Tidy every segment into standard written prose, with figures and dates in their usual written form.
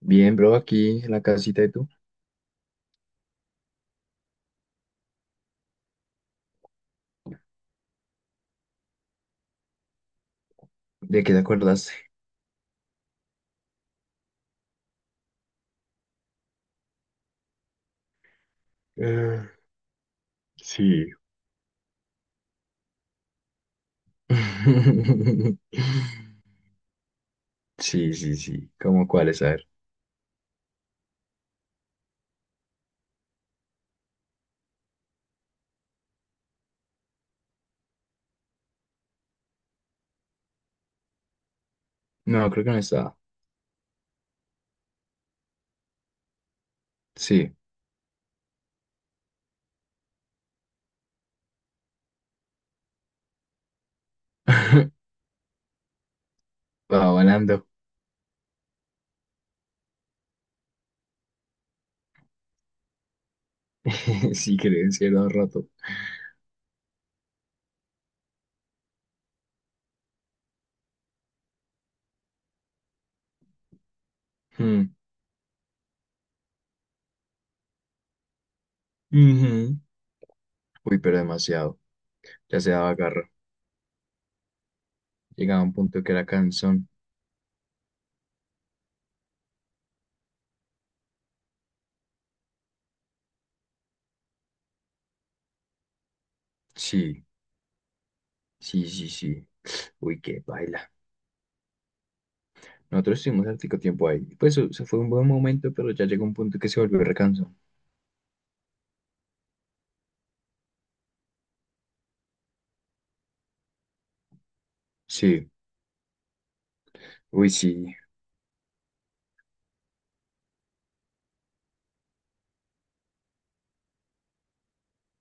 Bien, bro, aquí en la casita de tú. ¿De qué te acordaste? Eh, sí. Sí, sí, sí. ¿Cómo cuáles? A ver. No, creo que no estaba. Sí. Va volando. Sí, creo, cierto rato. Mm. Ujú. Uy, pero demasiado. Ya se daba garra. Llegaba a un punto que era cansón. Sí, sí, sí, sí. Uy, qué baila. Nosotros estuvimos hartico tiempo ahí. Pues se fue un buen momento, pero ya llegó un punto que se volvió recansón. Sí, uy, sí.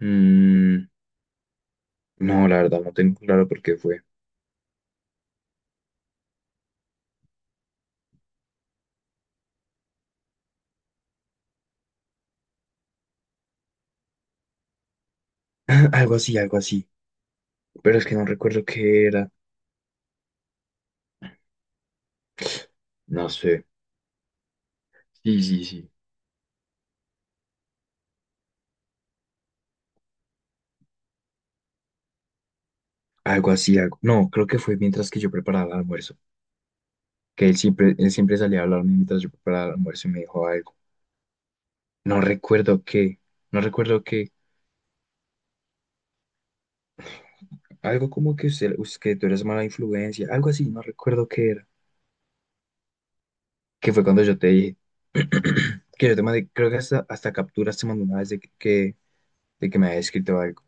Mm, no, la verdad, no tengo claro por qué fue. Algo así, algo así. Pero es que no recuerdo qué era. No sé. Sí, sí, sí. Algo así, algo. No, creo que fue mientras que yo preparaba el almuerzo. Que él siempre salía a hablarme mientras yo preparaba el almuerzo y me dijo algo. No recuerdo qué. No recuerdo qué. Algo como que que tú eres mala influencia. Algo así, no recuerdo qué era. Que fue cuando yo te dije. Que yo te mandé, creo que hasta capturas te mandé una vez de que me había escrito algo.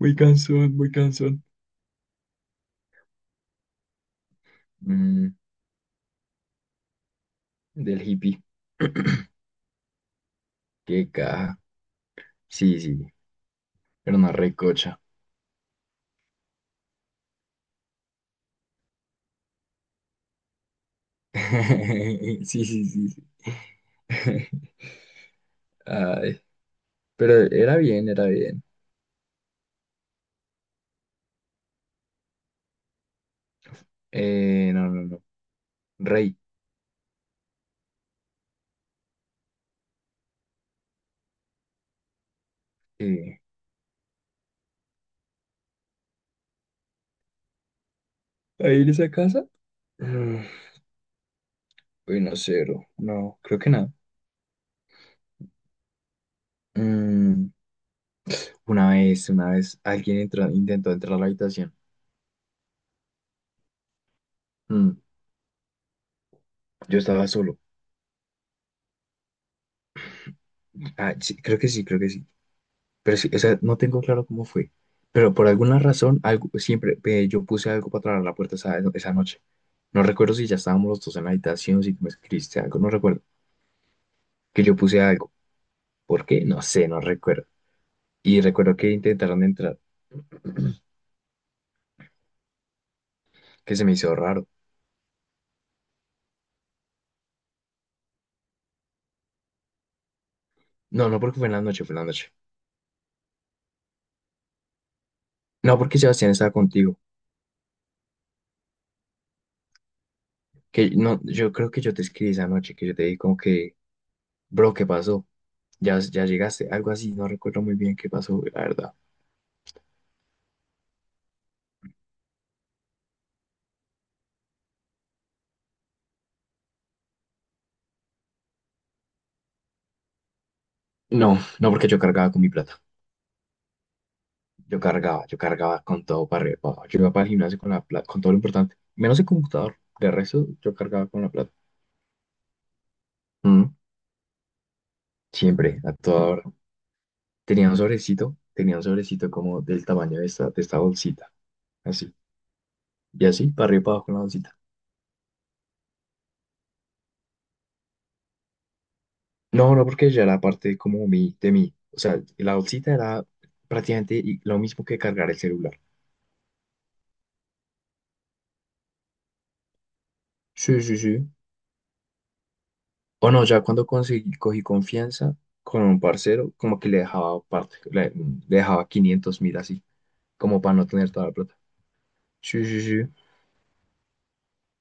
Muy cansón, muy cansón. Mm, Del hippie. Qué caja. Sí, sí. Era una recocha. Sí, sí, sí, sí. Ay, pero era bien, era bien. No, no, no. Rey. Eh, ¿Ahí en esa casa? mm, Uy, no, cero. No, creo que nada. Mm, una vez, alguien entró, intentó entrar a la habitación. Mm, yo estaba solo. Ah, sí, creo que sí, creo que sí. Pero sí, o sea, no tengo claro cómo fue. Pero por alguna razón, algo, siempre yo puse algo para traer la puerta esa, esa noche. No recuerdo si ya estábamos los dos en la habitación, si tú me escribiste algo, no recuerdo. Que yo puse algo. ¿Por qué? No sé, no recuerdo. Y recuerdo que intentaron entrar, que se me hizo raro. No, no, porque fue en la noche, fue en la noche. No, porque Sebastián estaba contigo. Que no, yo creo que yo te escribí esa noche, que yo te dije como que, bro, ¿qué pasó? Ya, ya llegaste, algo así, no recuerdo muy bien qué pasó, la verdad. No, no porque yo cargaba con mi plata. Yo cargaba con todo para arriba y para abajo. Yo iba para el gimnasio con la plata, con todo lo importante. Menos el computador. De resto, yo cargaba con la plata. Mm, Siempre, a toda hora. Tenía un sobrecito como del tamaño de esta bolsita. Así. Y así, para arriba y para abajo con la bolsita. No, no, porque ya era parte como mi, de mí. O sea, la bolsita era prácticamente lo mismo que cargar el celular. Sí, sí, sí. O no, ya cuando conseguí, cogí confianza con un parcero, como que le dejaba parte, le dejaba 500 mil así, como para no tener toda la plata. Sí, sí, sí.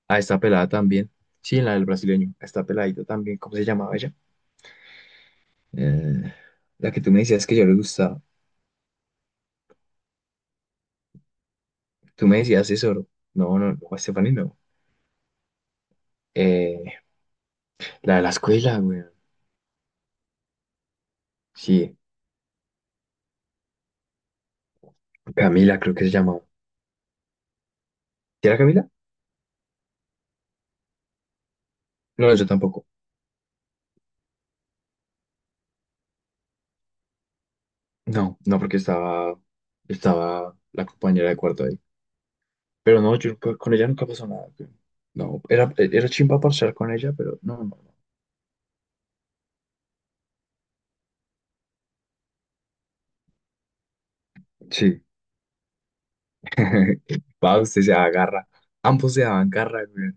A esta pelada también. Sí, en la del brasileño. A esta peladita también. ¿Cómo se llamaba ella? Eh, la que tú me decías que yo le gustaba. Tú me decías eso, ¿no? No, no, no, Stephanie no. Eh, la de la escuela, güey. Sí, Camila creo que se llamaba. ¿Sí era Camila? No, yo tampoco. No, no, estaba la compañera de cuarto ahí. Pero no, yo con ella nunca pasó nada, güey. No, era, era chimba parchar con ella, pero no, no, no. Sí, va, usted se agarra. Ambos se daban garra, güey.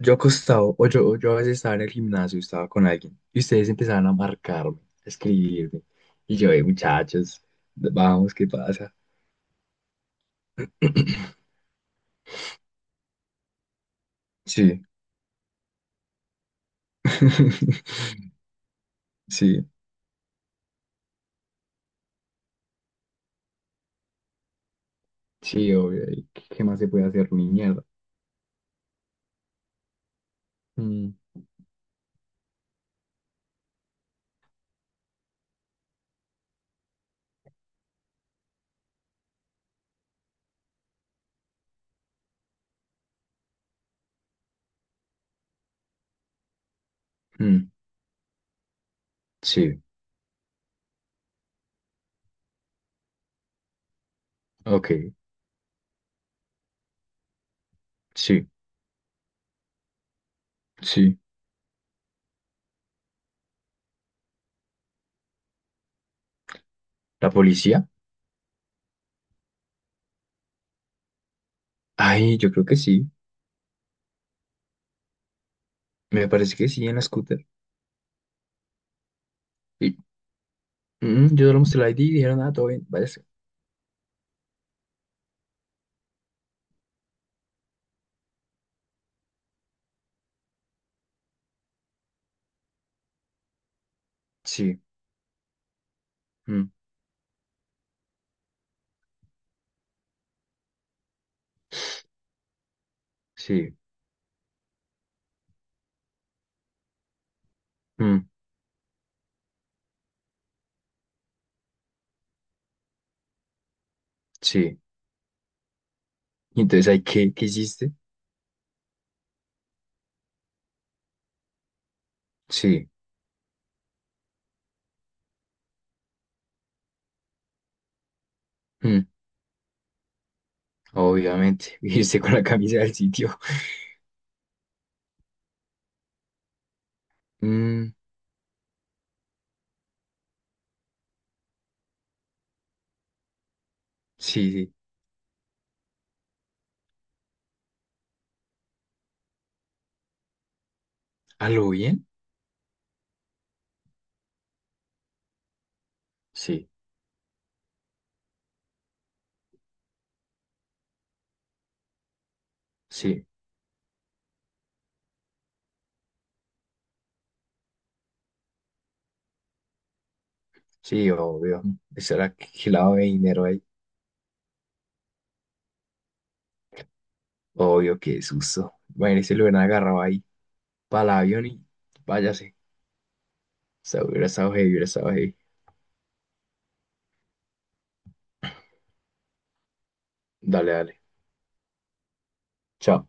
Yo acostado, o yo a veces estaba en el gimnasio, estaba con alguien, y ustedes empezaban a marcarme, a escribirme. Y yo, muchachos, vamos, ¿qué pasa? Sí. Sí, sí, obvio. ¿Qué más se puede hacer, mi mierda? Mm, mm, sí, ok, sí, sí. ¿La policía? Ay, yo creo que sí. Me parece que sí, en la scooter. Y, yo solo mostré la ID y dijeron, ah, todo bien, váyase. Sí, mm, sí. Mm, sí. Entonces, ¿hay qué hiciste? Sí. Mm, Obviamente. Irse con la camisa del sitio. Mm, sí, sí. ¿A lo bien? Sí, sí, sí, obvio. Eso era que lavado de dinero ahí. Obvio, qué susto. Imagínese, si lo hubieran agarrado ahí para el avión y váyase. O sea, hubiera estado heavy, hubiera estado heavy. Dale, dale. Chao.